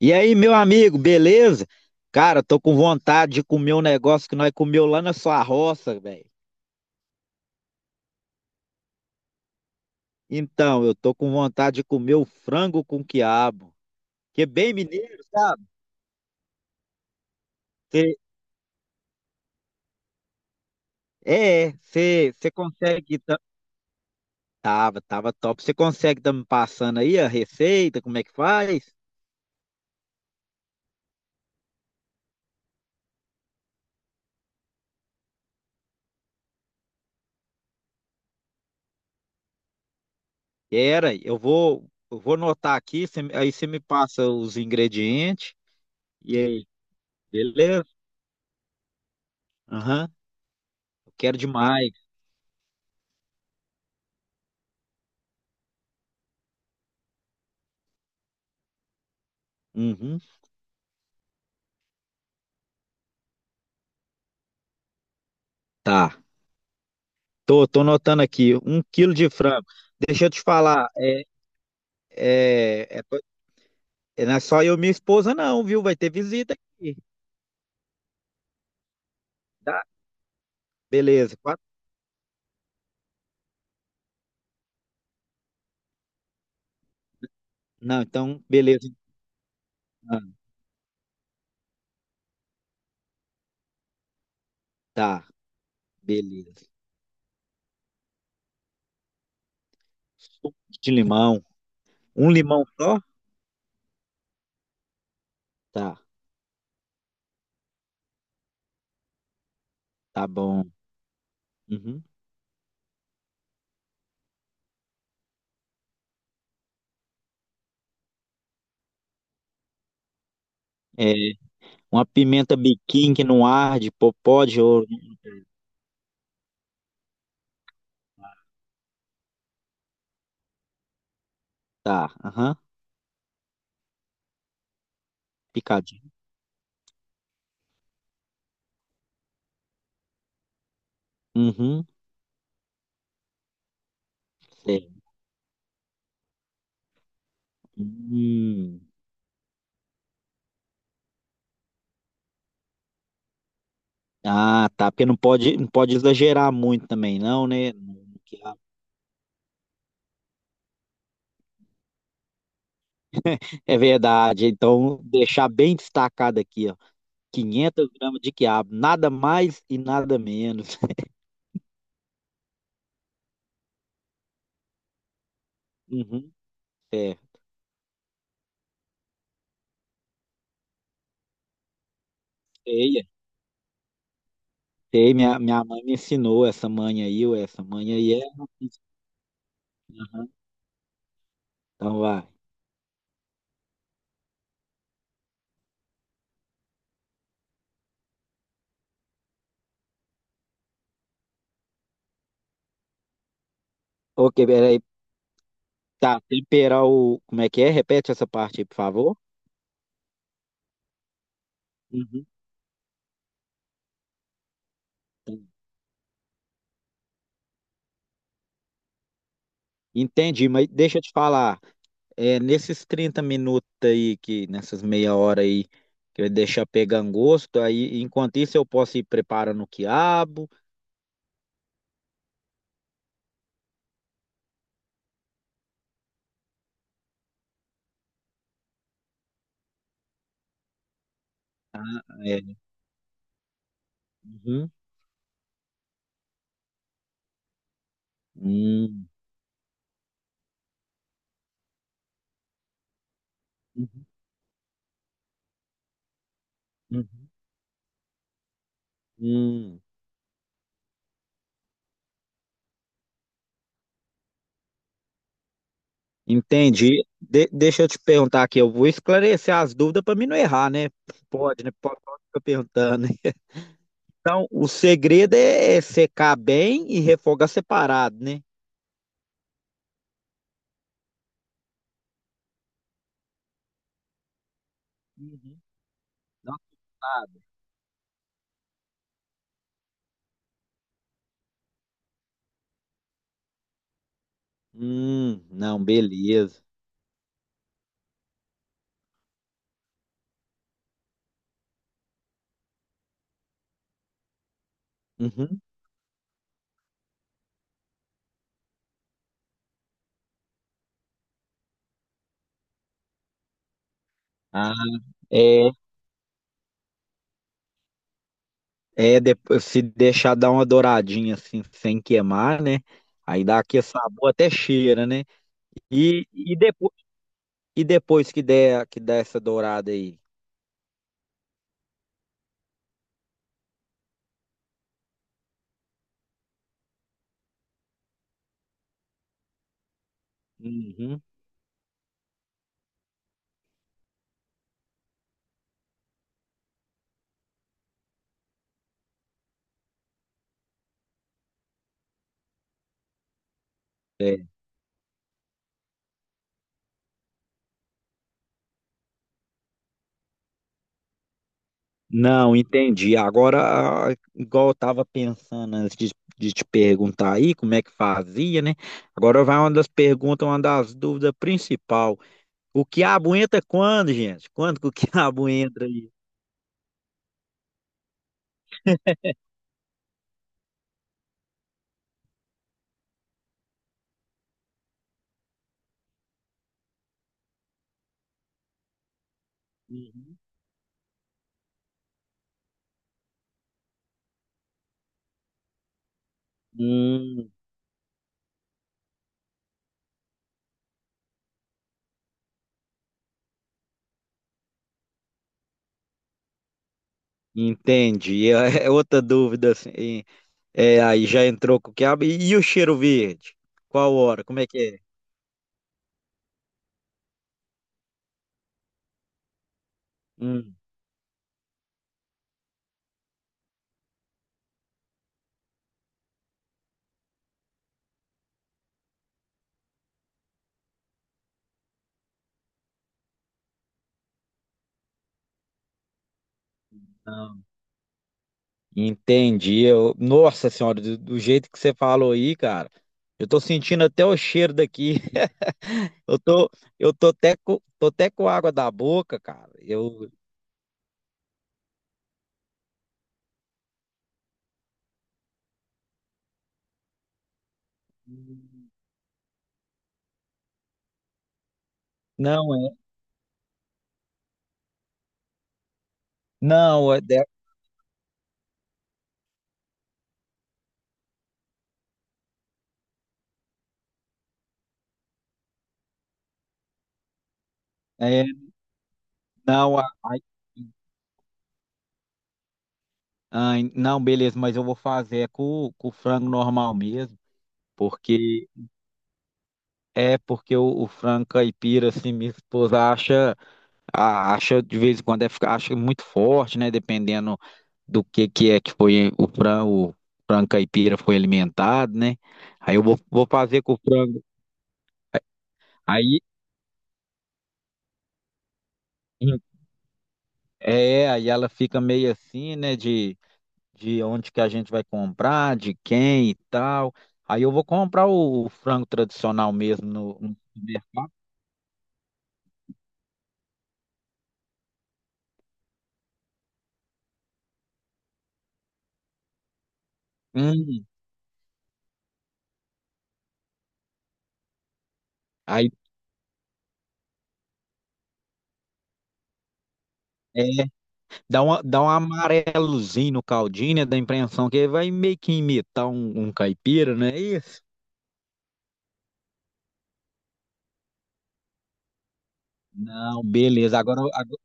E aí, meu amigo, beleza? Cara, tô com vontade de comer um negócio que nós comeu lá na sua roça, velho. Então, eu tô com vontade de comer o frango com quiabo, que é bem mineiro, sabe? Cê- você consegue. Tava, tava top. Você consegue tá me passando aí a receita, como é que faz? Era, eu vou anotar aqui, aí você me passa os ingredientes. E aí, beleza? Aham, eu quero demais. Uhum, tá. Tô notando aqui, um quilo de frango. Deixa eu te falar, é, é, pa- não é só eu e minha esposa não, viu? Vai ter visita aqui, tá? Beleza, quatro- Não, então, beleza. Ah, tá, beleza. Suco de limão, um limão só? Tá, tá bom. Uhum. É, uma pimenta biquinho que não arde, popó de ouro. Tá, aham, picadinho. Uhum, certo. Hum. Ah, tá, porque não pode exagerar muito também, não, né? É verdade. Então, deixar bem destacado aqui, ó. 500 gramas de quiabo, nada mais e nada menos. Uhum. É, sei, sei. Minha mãe me ensinou essa manha aí, ou essa manha aí é. Então, vai. Ok, peraí. Tá, temperar o. Como é que é? Repete essa parte aí, por favor. Uhum. Entendi, mas deixa eu te falar, nesses 30 minutos aí, que nessas meia hora aí, que eu deixar pegando gosto, aí enquanto isso eu posso ir preparando o quiabo. É. Uhum. Hum. Uhum. Uhum. Hum. Entendi. Deixa eu te perguntar aqui, eu vou esclarecer as dúvidas para mim não errar, né? Pode, né? Pode, pode ficar perguntando, né? Então, o segredo é secar bem e refogar separado, né? Uhum. Não, separado. Não, beleza. Uhum. Ah, é, é depois, se deixar dar uma douradinha assim, sem queimar, né? Aí dá aquele sabor até cheira, né? E, e depois E depois que der essa dourada aí? Uhum. É. Não, entendi. Agora, ah, igual eu tava pensando de te perguntar aí como é que fazia, né? Agora vai uma das perguntas, uma das dúvidas principal. O quiabo entra quando, gente? Quando que o quiabo entra aí? Uhum. Hum, entendi. É é outra dúvida assim. É, aí já entrou com o quiabo. E o cheiro verde? Qual hora? Como é que é? Hum. Entendi. Eu... Nossa senhora, do jeito que você falou aí, cara, eu tô sentindo até o cheiro daqui. Eu tô, eu tô até com água da boca, cara. Eu não é, não é, de- é não, a- Ai, não, beleza, mas eu vou fazer é com o frango normal mesmo, porque porque o frango caipira assim, minha esposa acha de vez em quando é, acha muito forte, né? Dependendo do que é que foi o frango caipira foi alimentado, né? Aí eu vou, vou fazer com o frango. Aí em- É, aí ela fica meio assim, né? De onde que a gente vai comprar, de quem e tal. Aí eu vou comprar o frango tradicional mesmo no, no supermercado. Hum, aí é, dá uma, dá um amarelozinho no caldinho, né? Da impressão que vai meio que imitar um, um caipira, não é isso? Não, beleza. Agora,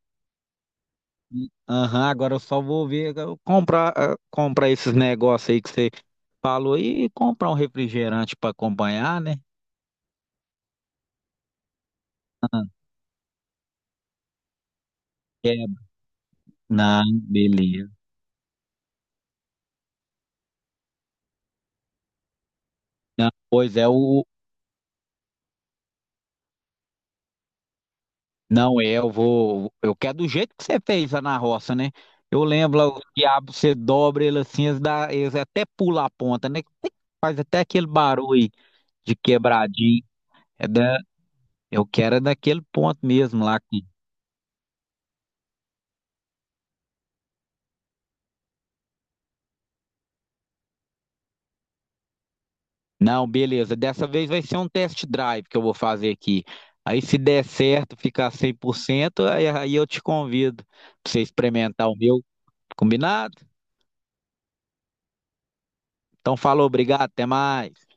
aham, agora eu só vou ver, eu comprar, ah, comprar esses negócios aí que você falou e comprar um refrigerante para acompanhar, né? É, não, beleza. Não, pois é, não é, eu vou, eu quero do jeito que você fez lá na roça, né? Eu lembro lá, o quiabo, você dobra ele assim, eles, dá, eles até pulam a ponta, né? Faz até aquele barulho de quebradinho. É da, eu quero é daquele ponto mesmo lá. Não, beleza. Dessa vez vai ser um test drive que eu vou fazer aqui. Aí, se der certo, ficar 100%, aí eu te convido para você experimentar o meu. Combinado? Então, falou, obrigado, até mais.